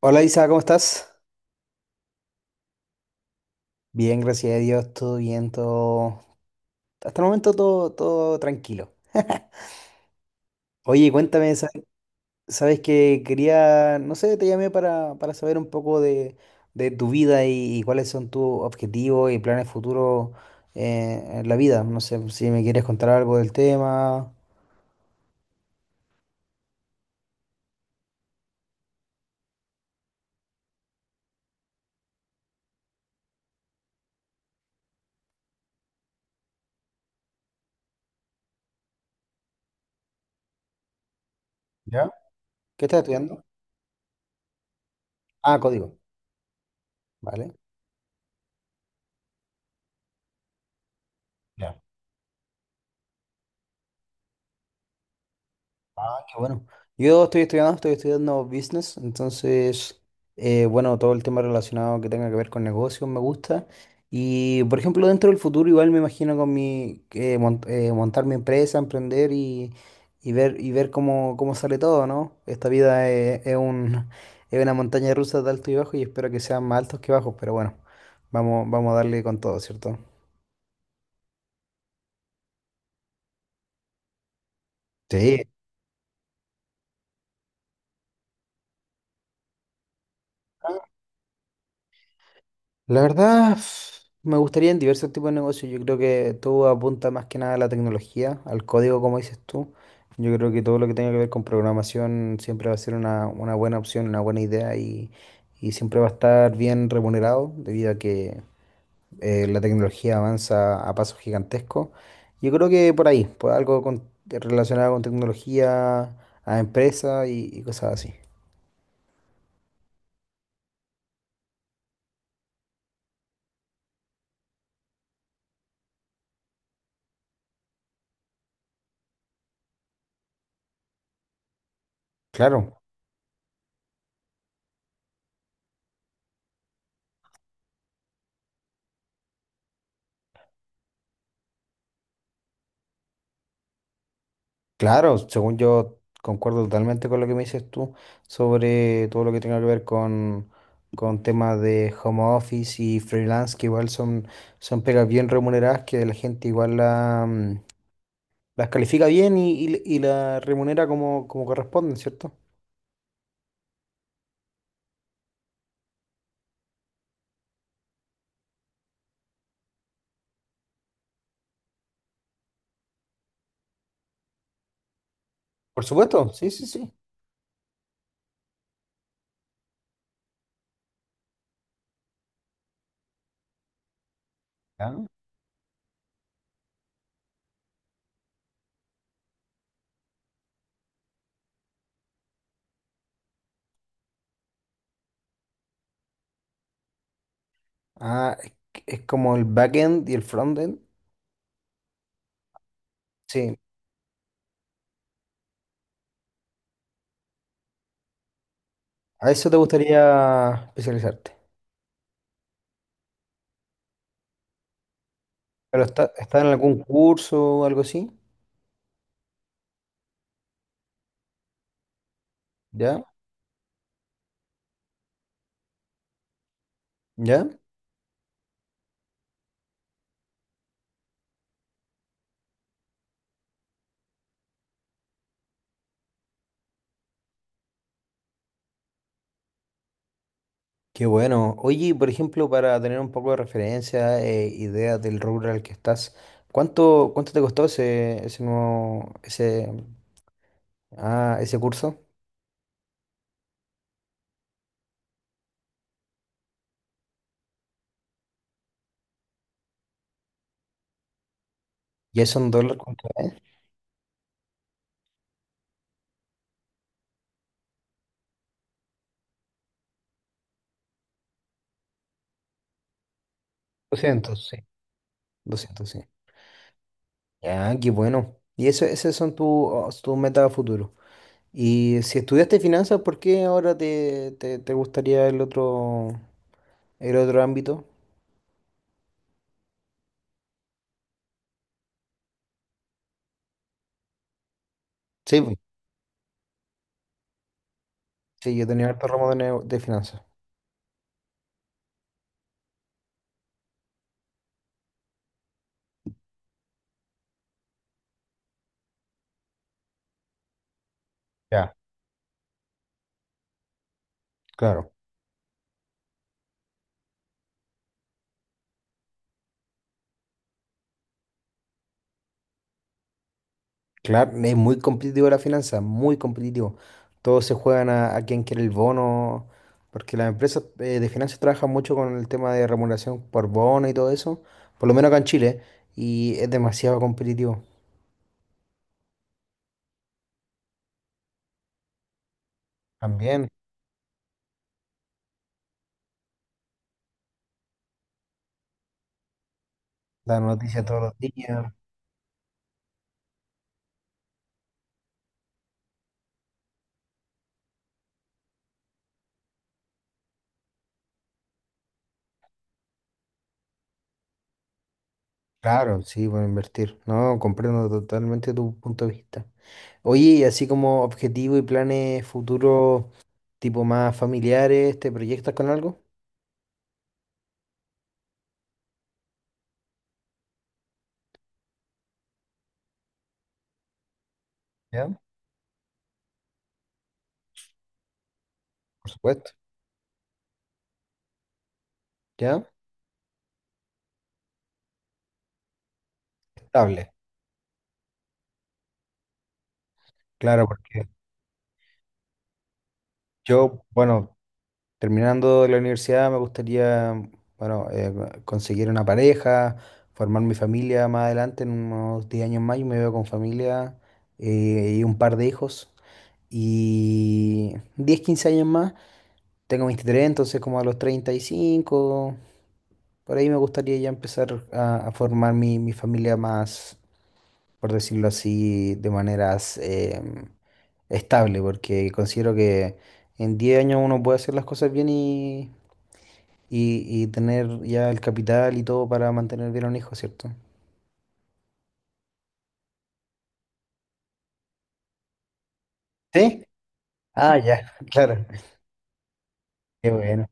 Hola Isa, ¿cómo estás? Bien, gracias a Dios, todo bien, Hasta el momento todo tranquilo. Oye, cuéntame, sabes que quería, no sé, te llamé para saber un poco de tu vida y cuáles son tus objetivos y planes futuros en la vida. No sé si me quieres contar algo del tema. ¿Ya? ¿Qué estás estudiando? Ah, código, vale. Ah, qué bueno. Yo estoy estudiando business, entonces, bueno, todo el tema relacionado que tenga que ver con negocios me gusta. Y, por ejemplo, dentro del futuro igual me imagino con montar mi empresa, emprender y, y ver cómo sale todo, ¿no? Esta es una montaña rusa de alto y bajo y espero que sean más altos que bajos, pero bueno, vamos a darle con todo, ¿cierto? Sí. La verdad, me gustaría en diversos tipos de negocios. Yo creo que todo apunta más que nada a la tecnología, al código, como dices tú. Yo creo que todo lo que tenga que ver con programación siempre va a ser una buena opción, una buena idea y siempre va a estar bien remunerado debido a que la tecnología avanza a pasos gigantescos. Yo creo que por ahí, por algo relacionado con tecnología, a empresa y cosas así. Claro. Claro, según yo concuerdo totalmente con lo que me dices tú sobre todo lo que tenga que ver con temas de home office y freelance, que igual son, son pegas bien remuneradas, que la gente igual las califica bien y la remunera como, como corresponden, ¿cierto? Por supuesto, sí, sí, sí. Ah, Ah, es como el backend y el frontend. Sí, a eso te gustaría especializarte. Pero está en algún curso o algo así, ¿ya? ¿Ya? Qué bueno. Oye, por ejemplo, para tener un poco de referencia, ideas del rubro al que estás, ¿cuánto te costó ese, ah, ese curso? Ya son dólares, ¿cuánto? 200, sí. Doscientos sí. Ya, qué bueno. Y eso, esas son tus metas a futuro. Y si estudiaste finanzas, ¿por qué ahora te gustaría el el otro ámbito? Sí, pues, sí, yo tenía harto ramo de finanzas. Ya, claro. Claro, es muy competitivo la finanza, muy competitivo. Todos se juegan a quién quiere el bono, porque las empresas de finanzas trabajan mucho con el tema de remuneración por bono y todo eso, por lo menos acá en Chile, y es demasiado competitivo. También, la noticia todos los días. Claro, sí, por invertir. No, comprendo totalmente tu punto de vista. Oye, y así como objetivo y planes futuros, tipo más familiares, ¿te proyectas con algo? ¿Ya? Por supuesto. ¿Ya? Estable. Claro, porque yo, bueno, terminando la universidad me gustaría, bueno, conseguir una pareja, formar mi familia más adelante, en unos 10 años más, yo me veo con familia y un par de hijos. Y 10 15 años más, tengo 23, entonces como a los 35 por ahí me gustaría ya empezar a formar mi familia más, por decirlo así, de maneras estable, porque considero que en 10 años uno puede hacer las cosas bien y tener ya el capital y todo para mantener bien a un hijo, ¿cierto? ¿Sí? Ah, ya, claro. Qué bueno.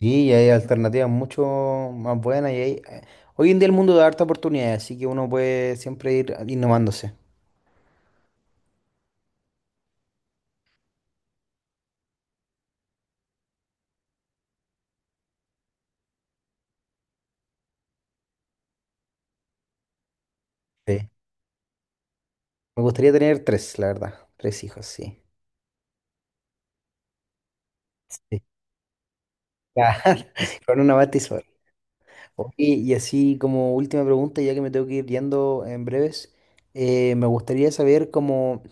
Sí, y hay alternativas mucho más buenas y hay... Hoy en día el mundo da harta oportunidad, así que uno puede siempre ir innovándose. Sí. Me gustaría tener tres, la verdad. Tres hijos, sí. Sí. Con una batizuela. Oye, y así como última pregunta, ya que me tengo que ir yendo en breves, me gustaría saber cómo,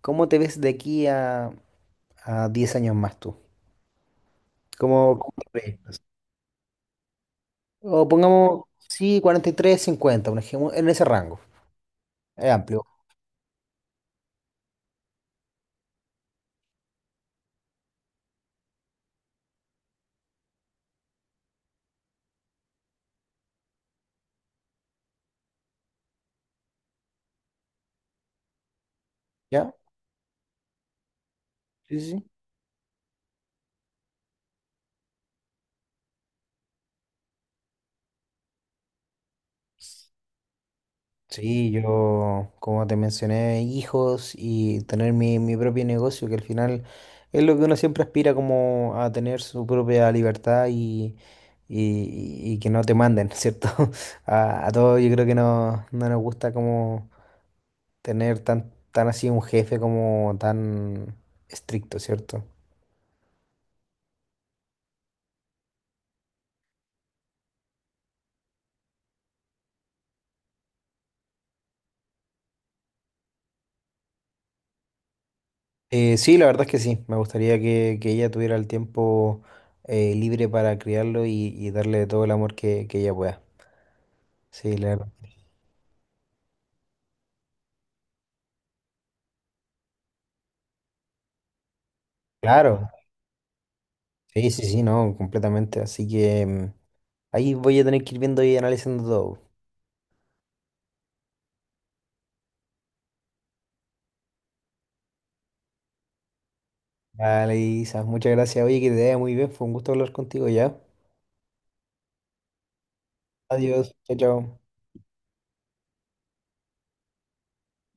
cómo te ves de aquí a 10 años más tú. ¿Cómo, cómo te proyectas? O pongamos, sí, 43 50 un ejemplo, en ese rango. Es amplio, ¿ya? Sí, sí. Sí, yo, como te mencioné, hijos y tener mi propio negocio, que al final es lo que uno siempre aspira como a tener su propia libertad y, y que no te manden, ¿cierto? A todos yo creo que no nos gusta como tener tan así un jefe como tan estricto, ¿cierto? Sí, la verdad es que sí, me gustaría que ella tuviera el tiempo libre para criarlo y darle todo el amor que ella pueda. Sí, la verdad. Claro, sí, sí, sí, no, completamente. Así que mm, ahí voy a tener que ir viendo y analizando todo. Vale, Isa, muchas gracias. Oye, que te vaya muy bien. Fue un gusto hablar contigo ya. Adiós, chao, chao.